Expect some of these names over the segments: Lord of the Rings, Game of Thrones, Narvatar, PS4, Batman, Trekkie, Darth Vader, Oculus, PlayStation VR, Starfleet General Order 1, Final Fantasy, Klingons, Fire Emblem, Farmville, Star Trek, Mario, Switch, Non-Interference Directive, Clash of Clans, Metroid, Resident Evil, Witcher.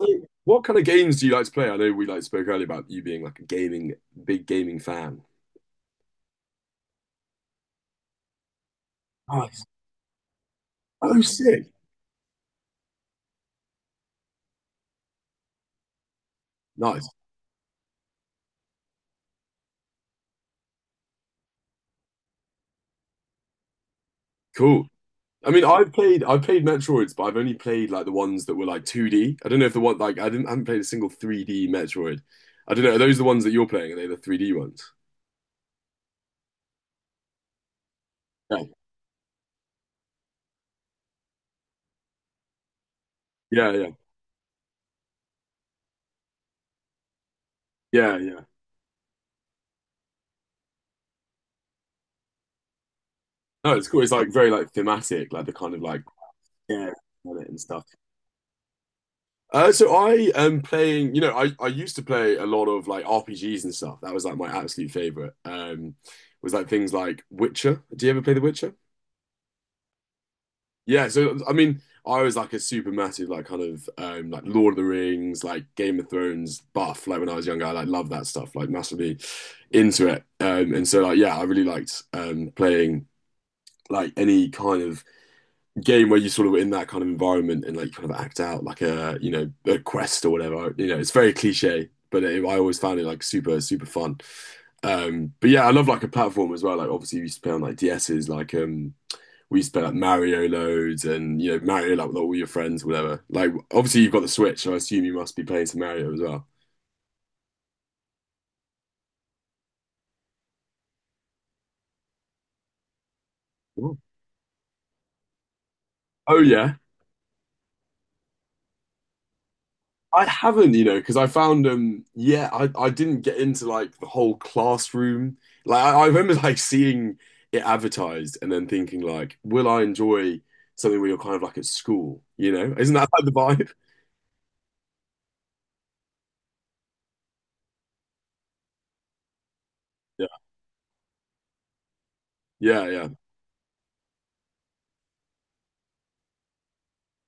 So, what kind of games do you like to play? I know we spoke earlier about you being like a gaming, big gaming fan. Nice. Oh, sick. Nice. Cool. I mean, I've played Metroids, but I've only played like the ones that were like 2D. I don't know if the one like I haven't played a single 3D Metroid. I don't know. Are those the ones that you're playing? Are they the 3D ones? Yeah. Yeah, yeah. Yeah, yeah. No, it's cool. It's like very like thematic, like the kind of like yeah and stuff. So I am playing, I used to play a lot of like RPGs and stuff. That was like my absolute favorite. Was like things like Witcher. Do you ever play The Witcher? Yeah. So I mean, I was like a super massive like kind of like Lord of the Rings, like Game of Thrones buff. Like when I was younger, I like loved that stuff, like massively into it. And so like yeah, I really liked playing like any kind of game where you sort of in that kind of environment and like kind of act out like a a quest or whatever. It's very cliche, but it, I always found it like super super fun. But yeah, I love like a platform as well. Like obviously we used to play on like DSs, like we used to play like Mario loads and Mario like with all your friends, whatever. Like obviously you've got the Switch, so I assume you must be playing some Mario as well. Ooh. Oh yeah. I haven't, because I found yeah, I didn't get into like the whole classroom. Like I remember like seeing it advertised and then thinking like, will I enjoy something where you're kind of like at school, you know? Isn't that like the vibe? Yeah, yeah, yeah.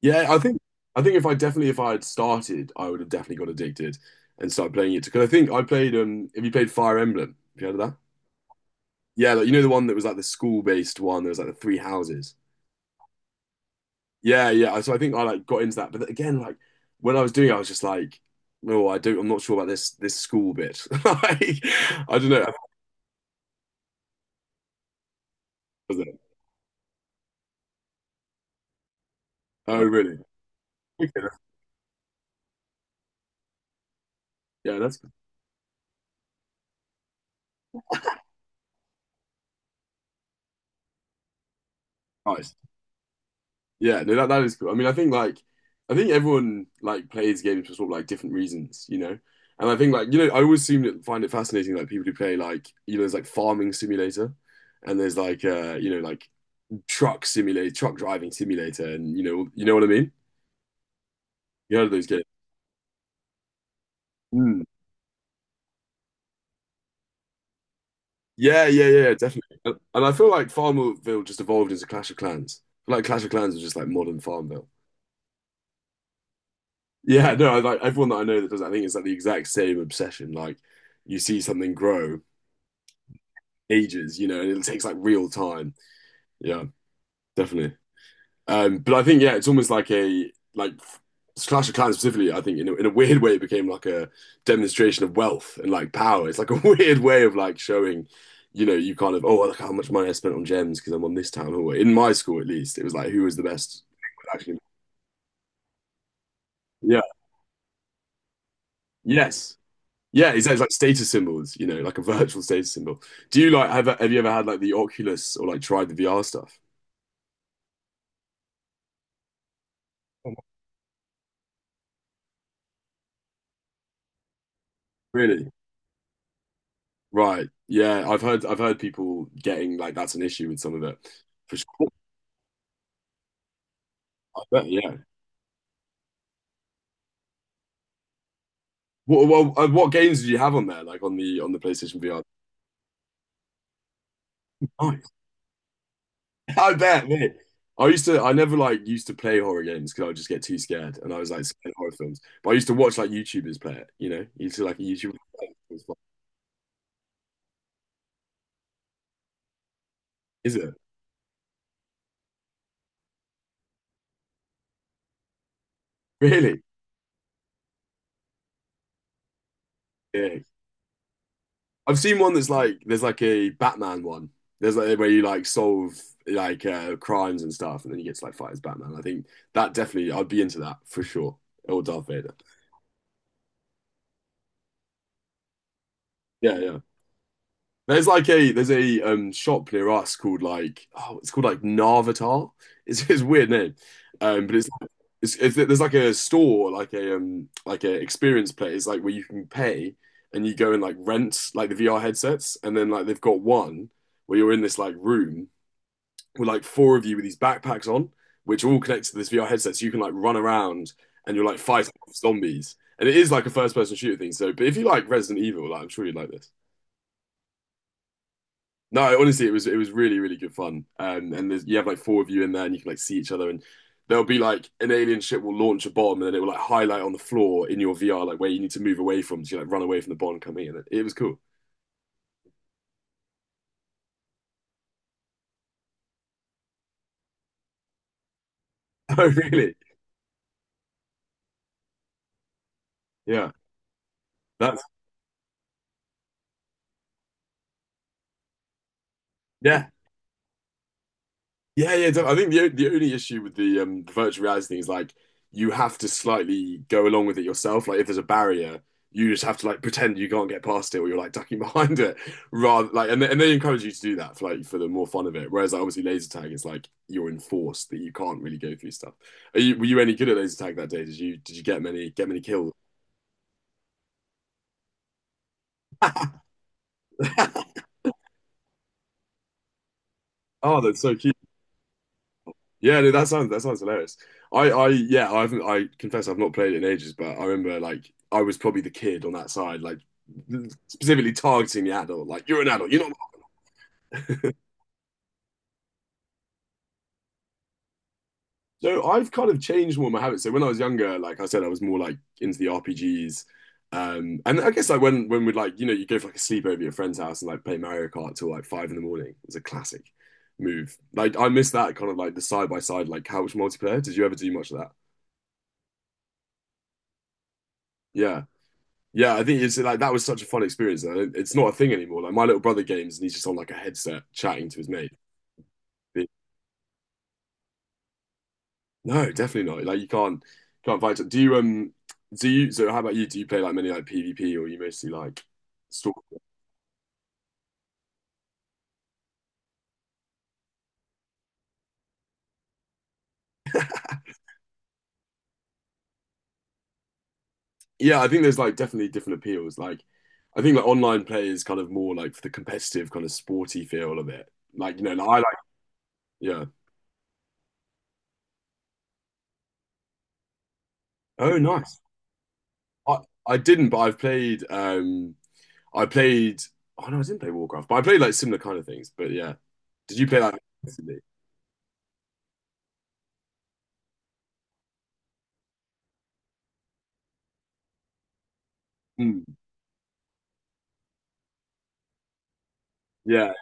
Yeah, I think if I definitely if I had started, I would have definitely got addicted and started playing it because I think I played have you played Fire Emblem? Have you heard of that? Yeah, like, you know the one that was like the school-based one, there was like the three houses. Yeah, yeah. So I think I like got into that, but again, like when I was doing it, I was just like, no, I do. I'm not sure about this school bit. Like, I don't know. That was it. Oh, really? Okay, that's- yeah, that's nice. Yeah, no, that that is cool. I mean, I think everyone like plays games for sort of like different reasons, you know. And I think like I always seem to find it fascinating like people who play like there's like farming simulator, and there's like like truck simulator, truck driving simulator, and you know what I mean? You heard of those games? Hmm. Yeah, yeah, yeah, definitely. And I feel like Farmville just evolved into Clash of Clans. Like Clash of Clans is just like modern Farmville. Yeah, no, I, like everyone that I know that does that, I think it's like the exact same obsession. Like you see something grow ages, you know, and it takes like real time. Yeah, definitely. But I think yeah, it's almost like a like Clash of Clans specifically. I think in a weird way, it became like a demonstration of wealth and like power. It's like a weird way of like showing, you know, you kind of oh look how much money I spent on gems because I'm on this town hall. In my school, at least, it was like who was the best. Actually, yeah, yes, yeah, exactly. It's like status symbols, you know, like a virtual status symbol. Do you like have you ever had like the Oculus or like tried the VR stuff? Really? Right. Yeah, I've heard people getting like that's an issue with some of it. For sure. I bet, yeah. What games did you have on there? Like on the PlayStation VR? Nice. I bet, mate. I never like used to play horror games because I would just get too scared and I was like scared of horror films. But I used to watch like YouTubers play it, you know? You used to like a YouTuber. Is it? Really? Yeah. I've seen one that's like there's like a Batman one. There's like where you like solve like crimes and stuff, and then you get to like fight as Batman. I think that definitely I'd be into that for sure. Or Darth Vader. Yeah, yeah. There's like a there's a shop near us called like oh it's called like Narvatar. It's a weird name, but it's like, it's there's like a store like a experience place like where you can pay and you go and like rent like the VR headsets and then like they've got one where you're in this like room were like four of you with these backpacks on, which are all connected to this VR headset, so you can like run around and you're like fighting off zombies. And it is like a first person shooter thing. So, but if you like Resident Evil, like I'm sure you'd like this. No, honestly, it was really really good fun. And there's, you have like four of you in there, and you can like see each other. And there'll be like an alien ship will launch a bomb, and then it will like highlight on the floor in your VR like where you need to move away from, so you like run away from the bomb coming in. It was cool. Oh, really? Yeah. That's yeah. Yeah, yeah. I think the only issue with the virtual reality thing is like you have to slightly go along with it yourself. Like if there's a barrier, you just have to like pretend you can't get past it, or you're like ducking behind it, rather like and they encourage you to do that for like for the more fun of it. Whereas like obviously laser tag is like you're enforced that you can't really go through stuff. Were you any good at laser tag that day? Did you get many kills? Oh, that's so cute. Yeah, no, that sounds hilarious. Yeah, I haven't. I confess, I've not played it in ages, but I remember like I was probably the kid on that side, like specifically targeting the adult. Like you're an adult, you're not. So I've kind of changed more of my habits. So when I was younger, like I said, I was more like into the RPGs, and I guess like when we'd like you go for like a sleepover at your friend's house and like play Mario Kart till like 5 in the morning. It was a classic move. Like I miss that kind of like the side by side like couch multiplayer. Did you ever do much of that? Yeah. Yeah, I think it's like that was such a fun experience. I don't- It's not a thing anymore. Like my little brother games, and he's just on like a headset chatting to his mate. But- No, definitely not. Like you can't fight. Do you so how about you? Do you play like many like PvP or you mostly like stalk? Yeah, I think there's like definitely different appeals. Like I think like online play is kind of more like for the competitive kind of sporty feel of it. Like you know, like, I like yeah. Oh, nice. I I didn't, but I've played I played. Oh no, I didn't play Warcraft, but I played like similar kind of things. But yeah. Did you play that recently? Mm. Yeah,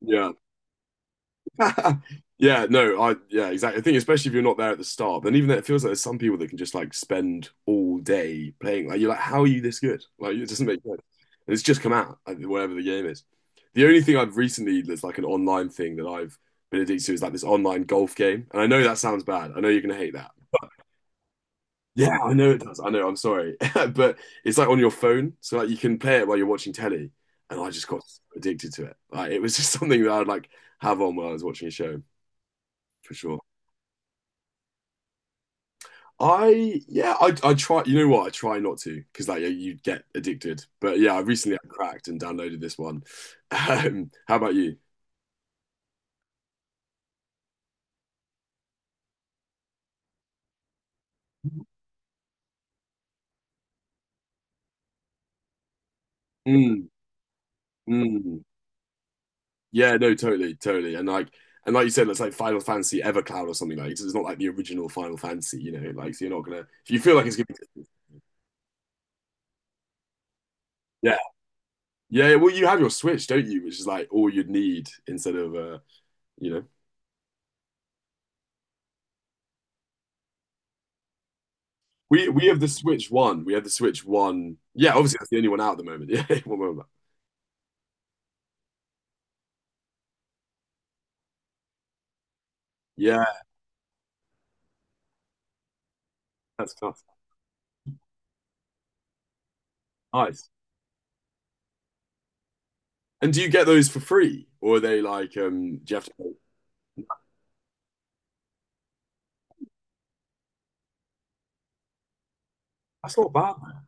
yeah, yeah. Yeah, no, I yeah, exactly. I think especially if you're not there at the start, then even though it feels like there's some people that can just like spend all day playing. Like you're like, how are you this good? Like it doesn't make sense. And it's just come out, like, whatever the game is. The only thing I've recently that's like an online thing that I've been addicted to is like this online golf game. And I know that sounds bad. I know you're gonna hate that. Yeah, I know it does. I know. I'm sorry, but it's like on your phone, so like you can play it while you're watching telly, and I just got so addicted to it. Like it was just something that I'd like have on while I was watching a show for sure. I yeah, I try. You know what? I try not to because like you get addicted. But yeah, I recently I cracked and downloaded this one. How about you? Mm, mm. Yeah, no, totally, totally. And like you said, it's like Final Fantasy Evercloud or something like. It's not like the original Final Fantasy, you know. Like so you're not gonna if you feel like it's gonna be. Yeah, well, you have your Switch, don't you? Which is like all you'd need instead of you know. We have the Switch One. We have the Switch One. Yeah, obviously that's the only one out at the moment. Yeah, one moment. Yeah, that's class. Nice. And do you get those for free, or are they like Do you have to pay? That's not bad, man.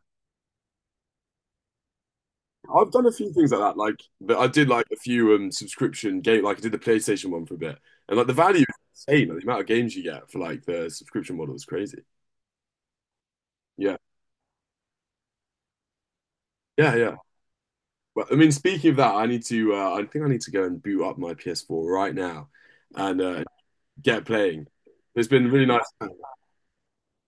I've done a few things like that. Like but I did like a few subscription game. Like I did the PlayStation one for a bit, and like the value is insane. Like, the amount of games you get for like the subscription model is crazy. Yeah, yeah, yeah. Well, I mean, speaking of that, I need to. I think I need to go and boot up my PS4 right now and get playing. It's been really nice